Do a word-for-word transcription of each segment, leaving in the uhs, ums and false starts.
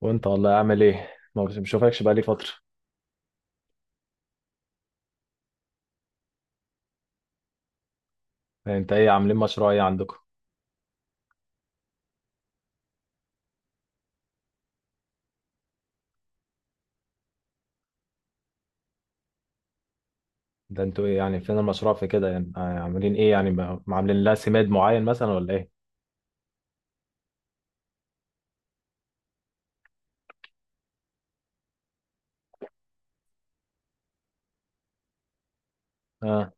وانت والله عامل ايه؟ ما بشوفكش بقالي فترة. يعني انت ايه، عاملين مشروع ايه عندكم؟ ده انتوا ايه، يعني فين المشروع في كده؟ يعني، آه، عاملين ايه يعني، ما- ما عاملين لها سماد معين مثلا ولا ايه؟ اه.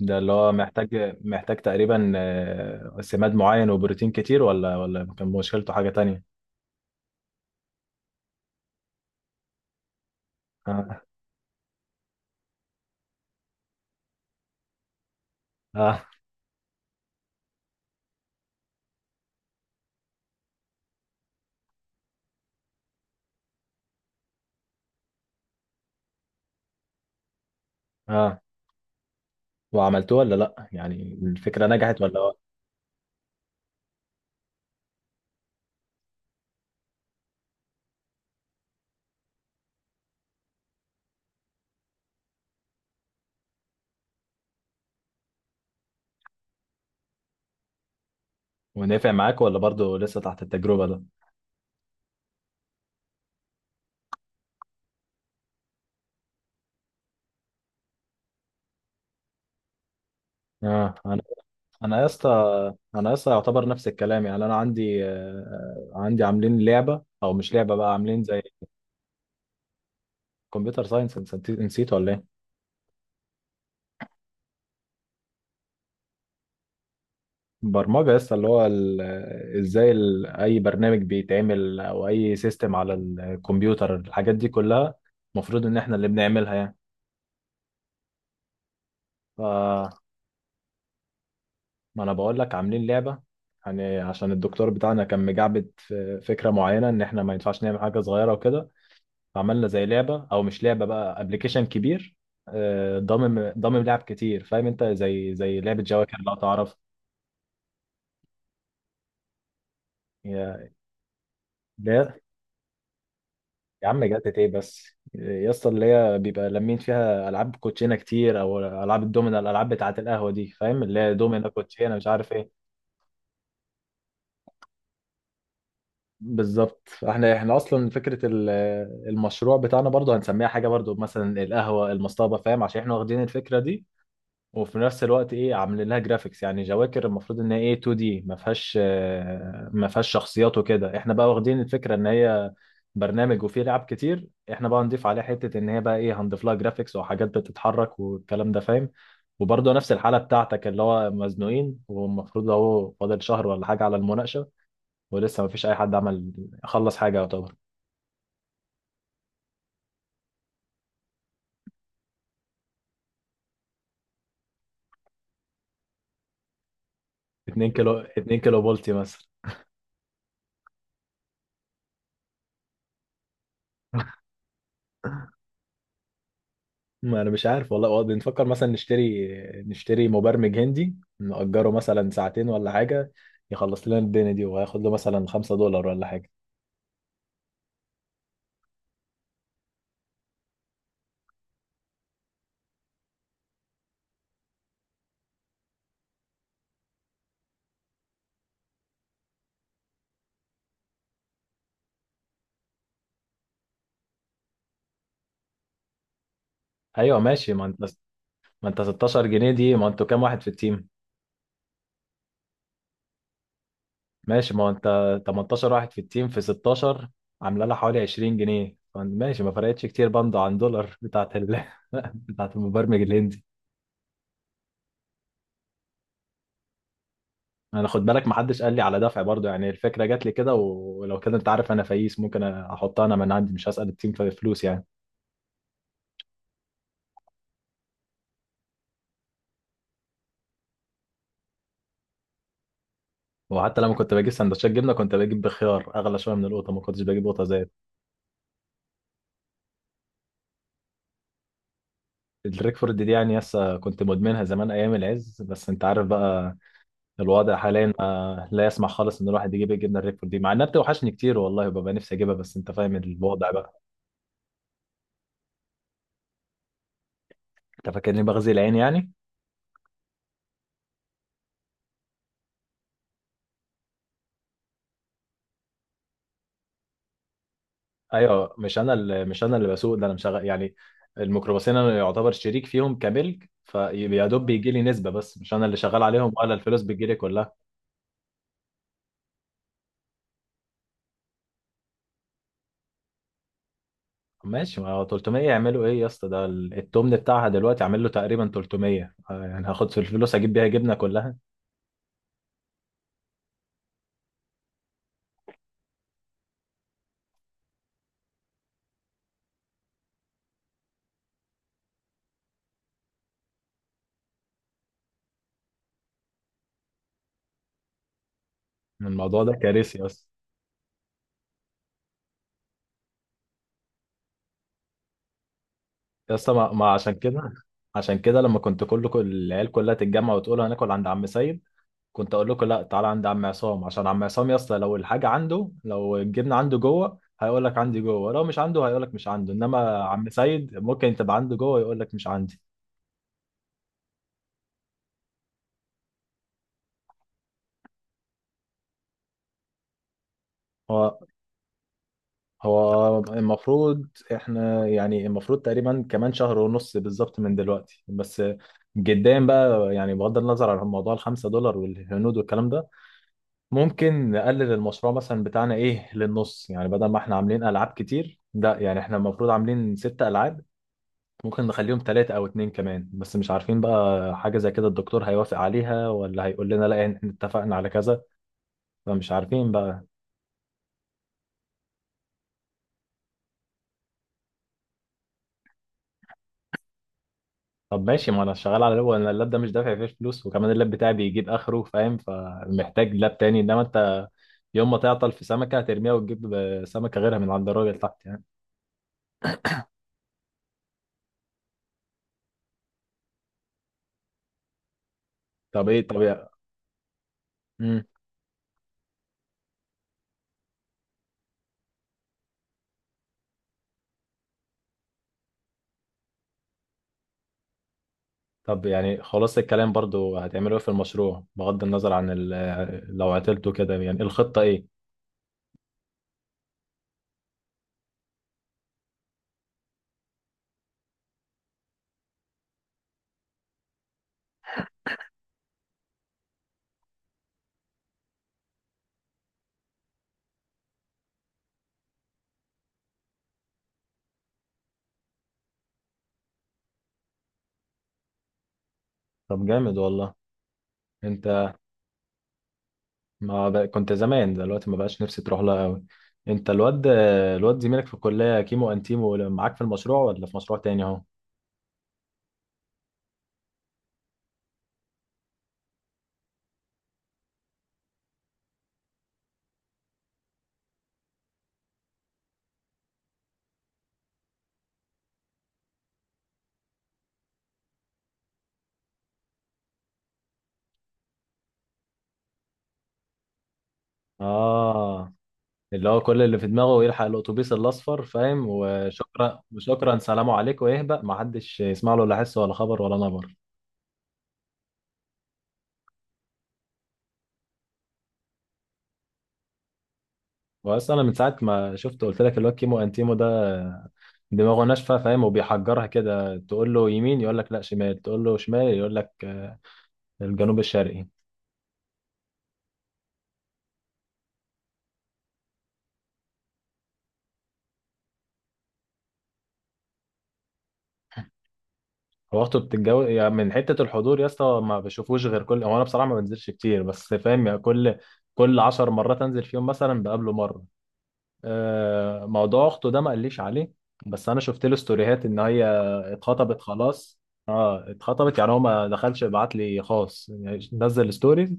ده اللي هو محتاج محتاج تقريبا آه، سماد معين وبروتين كتير، ولا ولا كان مشكلته حاجة تانية؟ اه، اه، اه. وعملتوه ولا لا؟ يعني الفكرة نجحت ولا؟ ونفع معاك ولا برضو لسه تحت التجربة ده؟ اه. انا انا يا اسطى انا يا اسطى يعتبر نفس الكلام، يعني انا عندي آه، عندي عاملين لعبه او مش لعبه بقى، عاملين زي كمبيوتر ساينس، نسيت نسيت ولا ايه؟ برمجه يا اسطى، اللي هو ال- ازاي ال- اي برنامج بيتعمل، او اي سيستم على الكمبيوتر، الحاجات دي كلها المفروض ان احنا اللي بنعملها يعني. ف ما انا بقول لك عاملين لعبه، يعني عشان الدكتور بتاعنا كان مجعبد في فكره معينه، ان احنا ما ينفعش نعمل حاجه صغيره وكده. عملنا زي لعبة، أو مش لعبة بقى، أبلكيشن كبير. آه، ضامم ضامم لعب كتير، فاهم أنت، زي زي لعبة جواكر لو تعرف. يا لا يا عم، جت إيه بس يا اسطى، اللي هي بيبقى لمين فيها ألعاب كوتشينة كتير، أو ألعاب الدومينة، الألعاب بتاعة القهوة دي فاهم، اللي هي دومينة، كوتشينة، مش عارف إيه. بالظبط. احنا احنا اصلا فكره ال- المشروع بتاعنا برضو هنسميها حاجه برضو، مثلا القهوه المصطبه، فاهم، عشان احنا واخدين الفكره دي. وفي نفس الوقت ايه، عاملين لها جرافيكس. يعني جواكر المفروض ان هي ايه 2 دي ما فيهاش آه، ما فيهاش شخصيات وكده، احنا بقى واخدين الفكره ان هي برنامج وفيه لعب كتير، احنا بقى هنضيف عليها حته، ان هي بقى ايه، هنضيف لها جرافيكس وحاجات بتتحرك والكلام ده، فاهم. وبرضه نفس الحاله بتاعتك، اللي هو مزنوقين، والمفروض اهو فاضل شهر ولا حاجه على المناقشه، ولسه ما فيش اي حد عمل خلص حاجه يعتبر. 2 كيلو، 2 كيلو بولتي مثلا. ما انا مش عارف والله. هو بنفكر مثلا نشتري نشتري مبرمج هندي، نأجره مثلا ساعتين ولا حاجة، يخلص لنا الدنيا دي، وهياخد له مثلا خمسة دولار ولا حاجة. ايوه ماشي. ما انت ما انت ستاشر جنيه دي، ما انتوا كام واحد في التيم؟ ماشي. ما انت تمنتاشر واحد في التيم، في ستاشر، عامله لها حوالي عشرين جنيه. ماشي، ما فرقتش كتير برضه عن دولار بتاعت ال... بتاعت المبرمج الهندي. انا خد بالك، ما حدش قال لي على دفع برضه يعني، الفكرة جات لي كده، ولو كده انت عارف انا فايس ممكن احطها انا من عندي، مش هسأل التيم في فلوس يعني. وحتى لما كنت بجيب سندوتشات جبنه كنت بجيب بخيار اغلى شويه من القطه، ما كنتش بجيب قطه زيت. الريكفورد دي يعني، يسا كنت مدمنها زمان ايام العز، بس انت عارف بقى الوضع حاليا آه، لا يسمح خالص ان الواحد يجيب الجبنه الريكفورد دي، مع انها بتوحشني كتير والله، وببقى نفسي اجيبها، بس انت فاهم الوضع بقى. انت فاكرني بغزي العين يعني؟ ايوه. مش انا اللي مش انا اللي بسوق ده، انا مشغل يعني، الميكروباصين انا يعتبر شريك فيهم، كملك فيا دوب بيجي لي نسبه، بس مش انا اللي شغال عليهم، ولا الفلوس بتجي لي كلها. ماشي، ما هو تلت ميه يعملوا ايه يا اسطى، ده ال- التمن بتاعها دلوقتي عامل له تقريبا تلت ميه آه، يعني هاخد في الفلوس اجيب بيها جبنه كلها. من الموضوع ده، كارثي يا اسطى. يا اسطى ما ما عشان كده عشان كده لما كنت كله كل العيال كلها تتجمع وتقول هناكل عند عم سيد، كنت اقول لكم لا، تعالى عند عم عصام، عشان عم عصام يا اسطى لو الحاجه عنده، لو الجبنه عنده جوه هيقول لك عندي جوه، لو مش عنده هيقول لك مش عنده، انما عم سيد ممكن تبقى عنده جوه يقول لك مش عندي. هو هو المفروض، احنا يعني المفروض تقريبا كمان شهر ونص بالظبط من دلوقتي، بس جدا بقى، يعني بغض النظر عن موضوع الخمسة دولار والهنود والكلام ده، ممكن نقلل المشروع مثلا بتاعنا ايه للنص، يعني بدل ما احنا عاملين العاب كتير ده، يعني احنا المفروض عاملين ست العاب، ممكن نخليهم ثلاثة او اتنين كمان، بس مش عارفين بقى. حاجة زي كده الدكتور هيوافق عليها، ولا هيقول لنا لا احنا اتفقنا على كذا؟ فمش عارفين بقى. طب ماشي، ما انا شغال على اللاب، انا اللاب ده مش دافع فيه فلوس، وكمان اللاب بتاعي بيجيب اخره فاهم، فمحتاج لاب تاني، انما انت يوم ما تعطل في سمكه هترميها وتجيب سمكه غيرها من عند الراجل تحت يعني. طب ايه، طب يا مم. طب يعني خلاص الكلام، برضو هتعملوا ايه في المشروع، بغض النظر عن ال- لو عطلتوا كده، يعني الخطه ايه؟ طب جامد والله. انت ما ب... كنت زمان، دلوقتي ما بقاش نفسي تروح لها قوي. انت الواد الواد زميلك في الكليه كيمو انتيمو، معاك في المشروع ولا في مشروع تاني اهو؟ اه. اللي هو كل اللي في دماغه يلحق الاتوبيس الاصفر فاهم، وشكرا وشكرا سلام عليكم، ويهبق ما حدش يسمع له لا حس ولا خبر ولا نبر. بس انا من ساعه ما شفت قلت لك، الواد كيمو انتيمو ده دماغه ناشفه فاهم، وبيحجرها كده، تقول له يمين يقول لك لا شمال، تقول له شمال يقول لك آه، الجنوب الشرقي. هو اخته بتتجو يعني من حته الحضور يا اسطى، ما بشوفوش غير كل هو انا بصراحه ما بنزلش كتير، بس فاهم يعني، كل كل 10 مرات انزل فيهم مثلا بقابله مره. آه، موضوع اخته ده ما قاليش عليه. بس انا شفت له ستوريهات ان هي اتخطبت خلاص. اه، اتخطبت يعني، هو ما دخلش بعت لي خاص يعني، نزل ستوريز،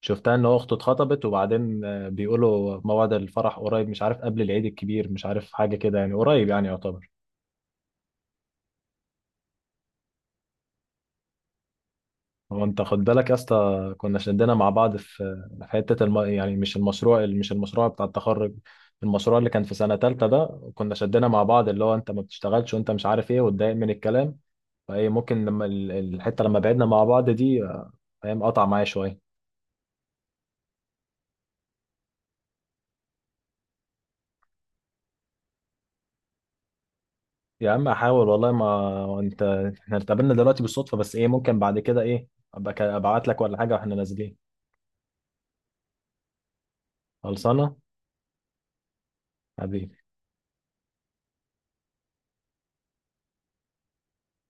شفتها ان هو اخته اتخطبت، وبعدين آه، بيقولوا موعد الفرح قريب، مش عارف قبل العيد الكبير، مش عارف حاجه كده، يعني قريب يعني يعتبر. هو انت خد بالك يا اسطى، كنا شدنا مع بعض في في حته الم... يعني مش المشروع مش المشروع بتاع التخرج، المشروع اللي كان في سنه تالتة ده، كنا شدنا مع بعض، اللي هو انت ما بتشتغلش، وانت مش عارف ايه، واتضايق من الكلام. فايه ممكن لما ال- الحته لما بعدنا مع بعض دي، آه، فاهم قطع معايا شويه. يا عم، احاول والله. ما انت احنا اتقابلنا دلوقتي بالصدفه، بس ايه ممكن بعد كده ايه، ابقى ابعت لك ولا حاجه واحنا نازلين. خلصانه. حبيبي.